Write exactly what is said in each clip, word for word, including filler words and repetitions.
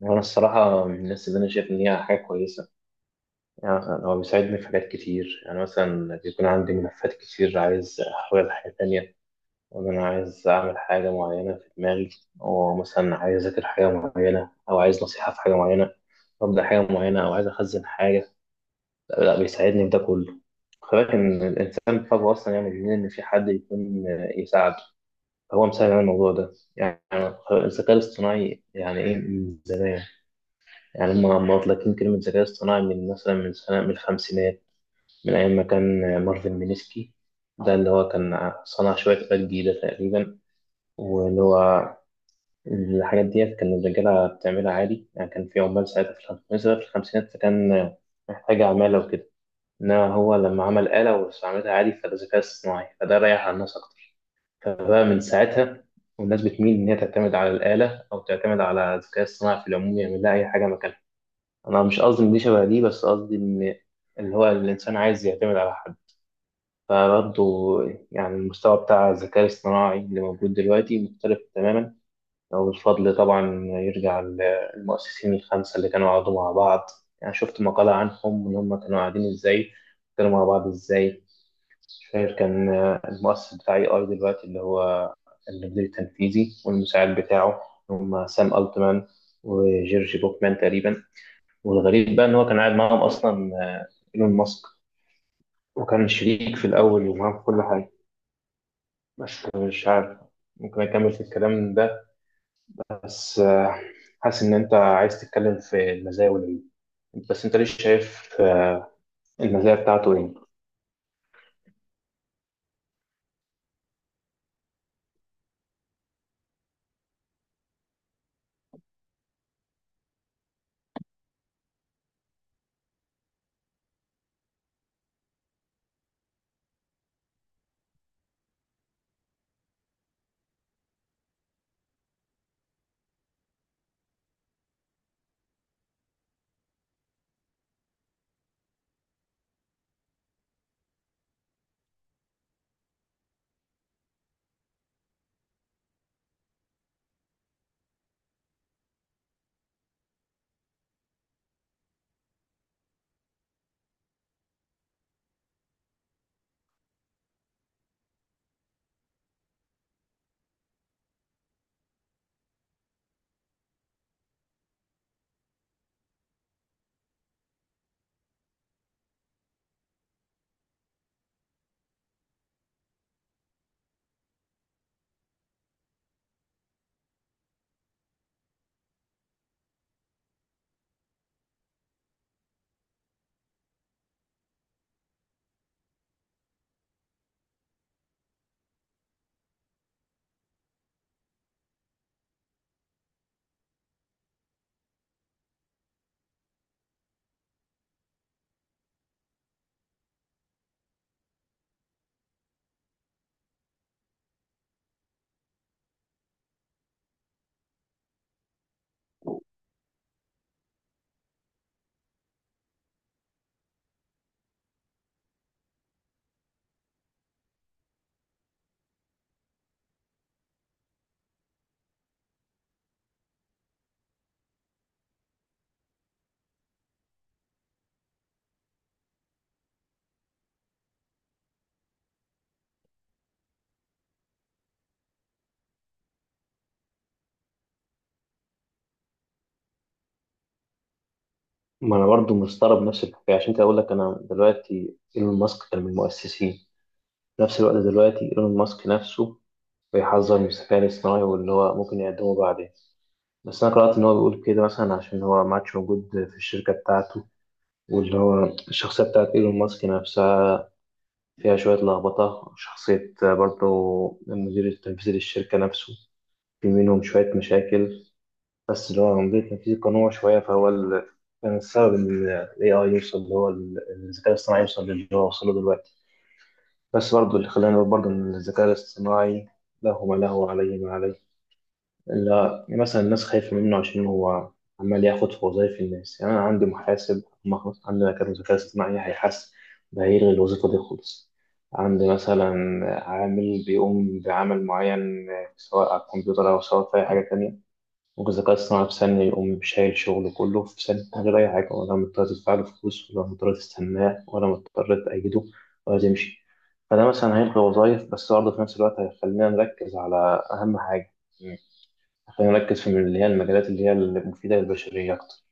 وانا الصراحه من الناس اللي انا شايف ان هي حاجه كويسه. يعني مثلا هو بيساعدني في حاجات كتير، يعني مثلا بيكون عندي ملفات كتير عايز احولها لحاجه تانية، وان انا عايز اعمل حاجه معينه في دماغي، او مثلا عايز اذاكر حاجه معينه، او عايز نصيحه في حاجه معينه، ابدا حاجه معينه، او عايز اخزن حاجه. لا, لا بيساعدني في ده كله. خلي بالك ان الانسان طبعه اصلا يعني بيميل ان في حد يكون يساعده. هو مساعد على الموضوع ده يعني. الذكاء الاصطناعي يعني ايه من زمان؟ يعني هم لما مطلقين كلمة ذكاء اصطناعي من مثلا من سنة، من الخمسينات، من أيام ما كان مارفن مينيسكي. ده اللي هو كان صنع شوية آلات جديدة تقريبا، واللي هو الحاجات ديت كان الرجالة بتعملها عادي. يعني كان في عمال ساعتها في الخمسينات، مثلا في الخمسينات فكان محتاج عمالة وكده. إنما هو لما عمل آلة واستعملها عادي فده ذكاء اصطناعي، فده ريح على الناس أكتر. فبقى من ساعتها والناس بتميل إن هي تعتمد على الآلة أو تعتمد على الذكاء الاصطناعي في العموم يعمل لها أي حاجة مكانها. انا مش قصدي ان دي شبه دي، بس قصدي ان اللي هو الانسان عايز يعتمد على حد. فبرضه يعني المستوى بتاع الذكاء الاصطناعي اللي موجود دلوقتي مختلف تماما. والفضل طبعا يرجع للمؤسسين الخمسة اللي كانوا قعدوا مع بعض. يعني شفت مقالة عنهم ان هم كانوا قاعدين ازاي، كانوا مع بعض ازاي. مش فاكر، كان المؤسس بتاع اي اي دلوقتي اللي هو المدير التنفيذي والمساعد بتاعه، هم سام التمان وجيرجي بوكمان تقريبا. والغريب بقى إن هو كان قاعد معاهم أصلا آه، إيلون ماسك، وكان شريك في الأول ومعاهم في كل حاجة. بس مش عارف، ممكن أكمل في الكلام ده. بس آه، حاسس إن أنت عايز تتكلم في المزايا والعيوب. بس أنت ليش شايف آه، المزايا بتاعته إيه؟ ما أنا برضو مستغرب نفس الحكاية، عشان كده أقول لك أنا دلوقتي إيلون ماسك كان من المؤسسين. في نفس الوقت دلوقتي إيلون ماسك نفسه بيحذر من الذكاء الاصطناعي واللي هو ممكن يقدمه بعدين. بس انا قرات ان هو بيقول كده مثلا عشان هو ما عادش موجود في الشركه بتاعته. واللي هو الشخصية بتاعت إيلون ماسك نفسها فيها شوية لخبطة شخصية برضه. المدير التنفيذي للشركة نفسه في منهم شوية مشاكل. بس اللي هو المدير التنفيذي كان هو شوية فهو ال... كان السبب إن ال إيه آي يوصل اللي هو ال- الذكاء الاصطناعي يوصل للي هو وصله دلوقتي. بس برضه اللي خلاني أقول برضه إن الذكاء الاصطناعي له ما له وعليه ما عليه. لا مثلا الناس خايفة منه عشان هو عمال ياخد في وظايف الناس. يعني أنا عندي محاسب، ما خلاص عندنا كان ذكاء اصطناعي هيحس ده هيلغي الوظيفة دي خالص. عندي مثلا عامل بيقوم بعمل معين، سواء على الكمبيوتر أو سواء في أي حاجة تانية. ممكن الذكاء الاصطناعي في ثانية يقوم شايل شغله كله في ثانية من غير أي حاجة، ولا مضطر تدفع له فلوس، ولا مضطر تستناه، ولا مضطر تأيده ولا تمشي. فده مثلا هيلغي وظايف، بس برضه في نفس الوقت هيخلينا نركز على أهم حاجة. خلينا نركز في اللي هي المجالات اللي هي المفيدة للبشرية أكتر،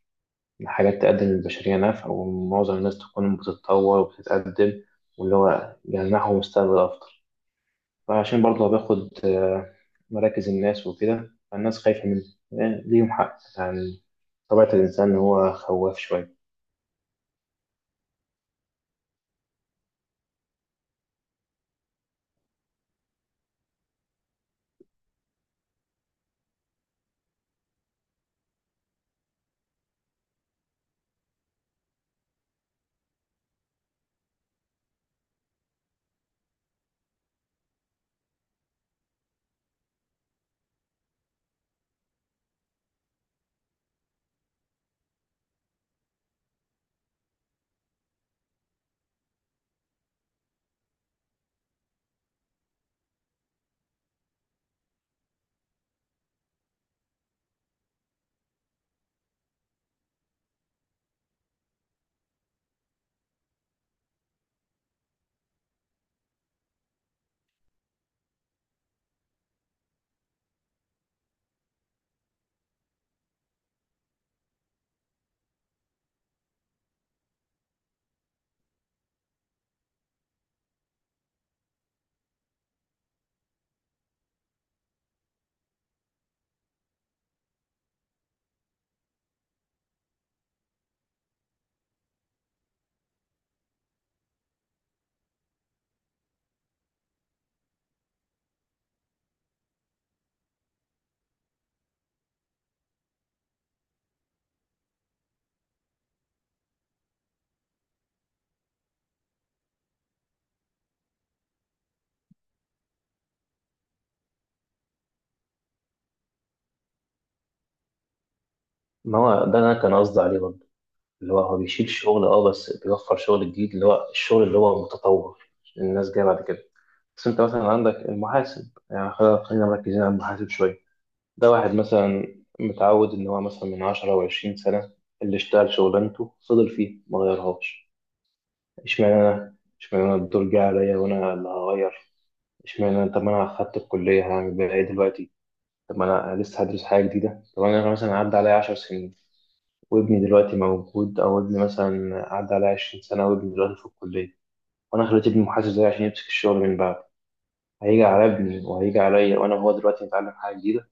حاجات تقدم للبشرية نفع ومعظم الناس تكون بتتطور وبتتقدم واللي هو يمنحهم مستقبل أفضل. فعشان برضه باخد آه، مراكز الناس وكده، فالناس خايفة من آه، ليهم حق يعني. طبيعة الإنسان إن هو خواف شوية. ما هو ده أنا كان قصدي عليه برضه، اللي هو هو بيشيل شغل، أه، بس بيوفر شغل جديد، اللي هو الشغل اللي هو متطور الناس جاية بعد كده. بس أنت مثلا عندك المحاسب، يعني خلينا خلينا مركزين على المحاسب شوية. ده واحد مثلا متعود إن هو مثلا من عشرة أو عشرين سنة اللي اشتغل شغلانته فضل فيه ما غيرهاش. اشمعنى أنا؟ اشمعنى أنا الدور جه عليا وأنا اللي هغير؟ اشمعنى أنا؟ طب ما أنا أخدت الكلية، هعمل بيها إيه دلوقتي؟ طب ما أنا لسه هدرس حاجة جديدة. طب أنا مثلا عدى عليا عشر سنين وابني دلوقتي موجود، أو ابني مثلا عدى عليا عشرين سنة وابني دلوقتي في الكلية، وأنا خليت ابني محاسب زيي عشان يمسك الشغل من بعد. هيجي على ابني وهيجي عليا وأنا هو دلوقتي متعلم حاجة جديدة.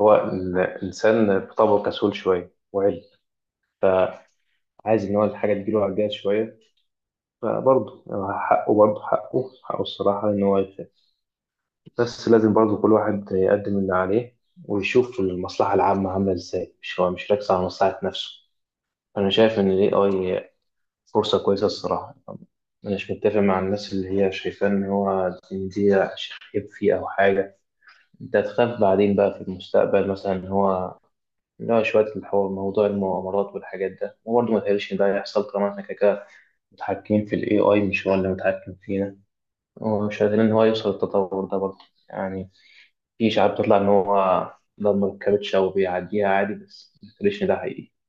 هو الإنسان بطبعه كسول شوية، وعل عايز إن هو الحاجة تجيله على الجهاز شوية. فبرضه حقه، برضه حقه حقه الصراحة إن هو يخاف. بس لازم برضه كل واحد يقدم اللي عليه ويشوف المصلحة العامة عاملة إزاي، مش هو مش راكز على مصلحة نفسه. أنا شايف إن ال إيه آي فرصة كويسة الصراحة. مش متفق مع الناس اللي هي شايفة إن هو، إن دي شخيب فيه أو حاجة. أنت هتخاف بعدين بقى في المستقبل مثلا إن هو، لا، شوية الحوار موضوع المؤامرات والحاجات ده وبرضه ما تهيأليش إن ده هيحصل، طالما إحنا كده كده متحكمين في ال إيه آي مش هو اللي متحكم فينا، ومش قادرين إن هو يوصل للتطور ده برضه. يعني في شعب بتطلع إن هو ده مركبتش أو بيعديها عادي، بس ما تهيأليش إن ده حقيقي.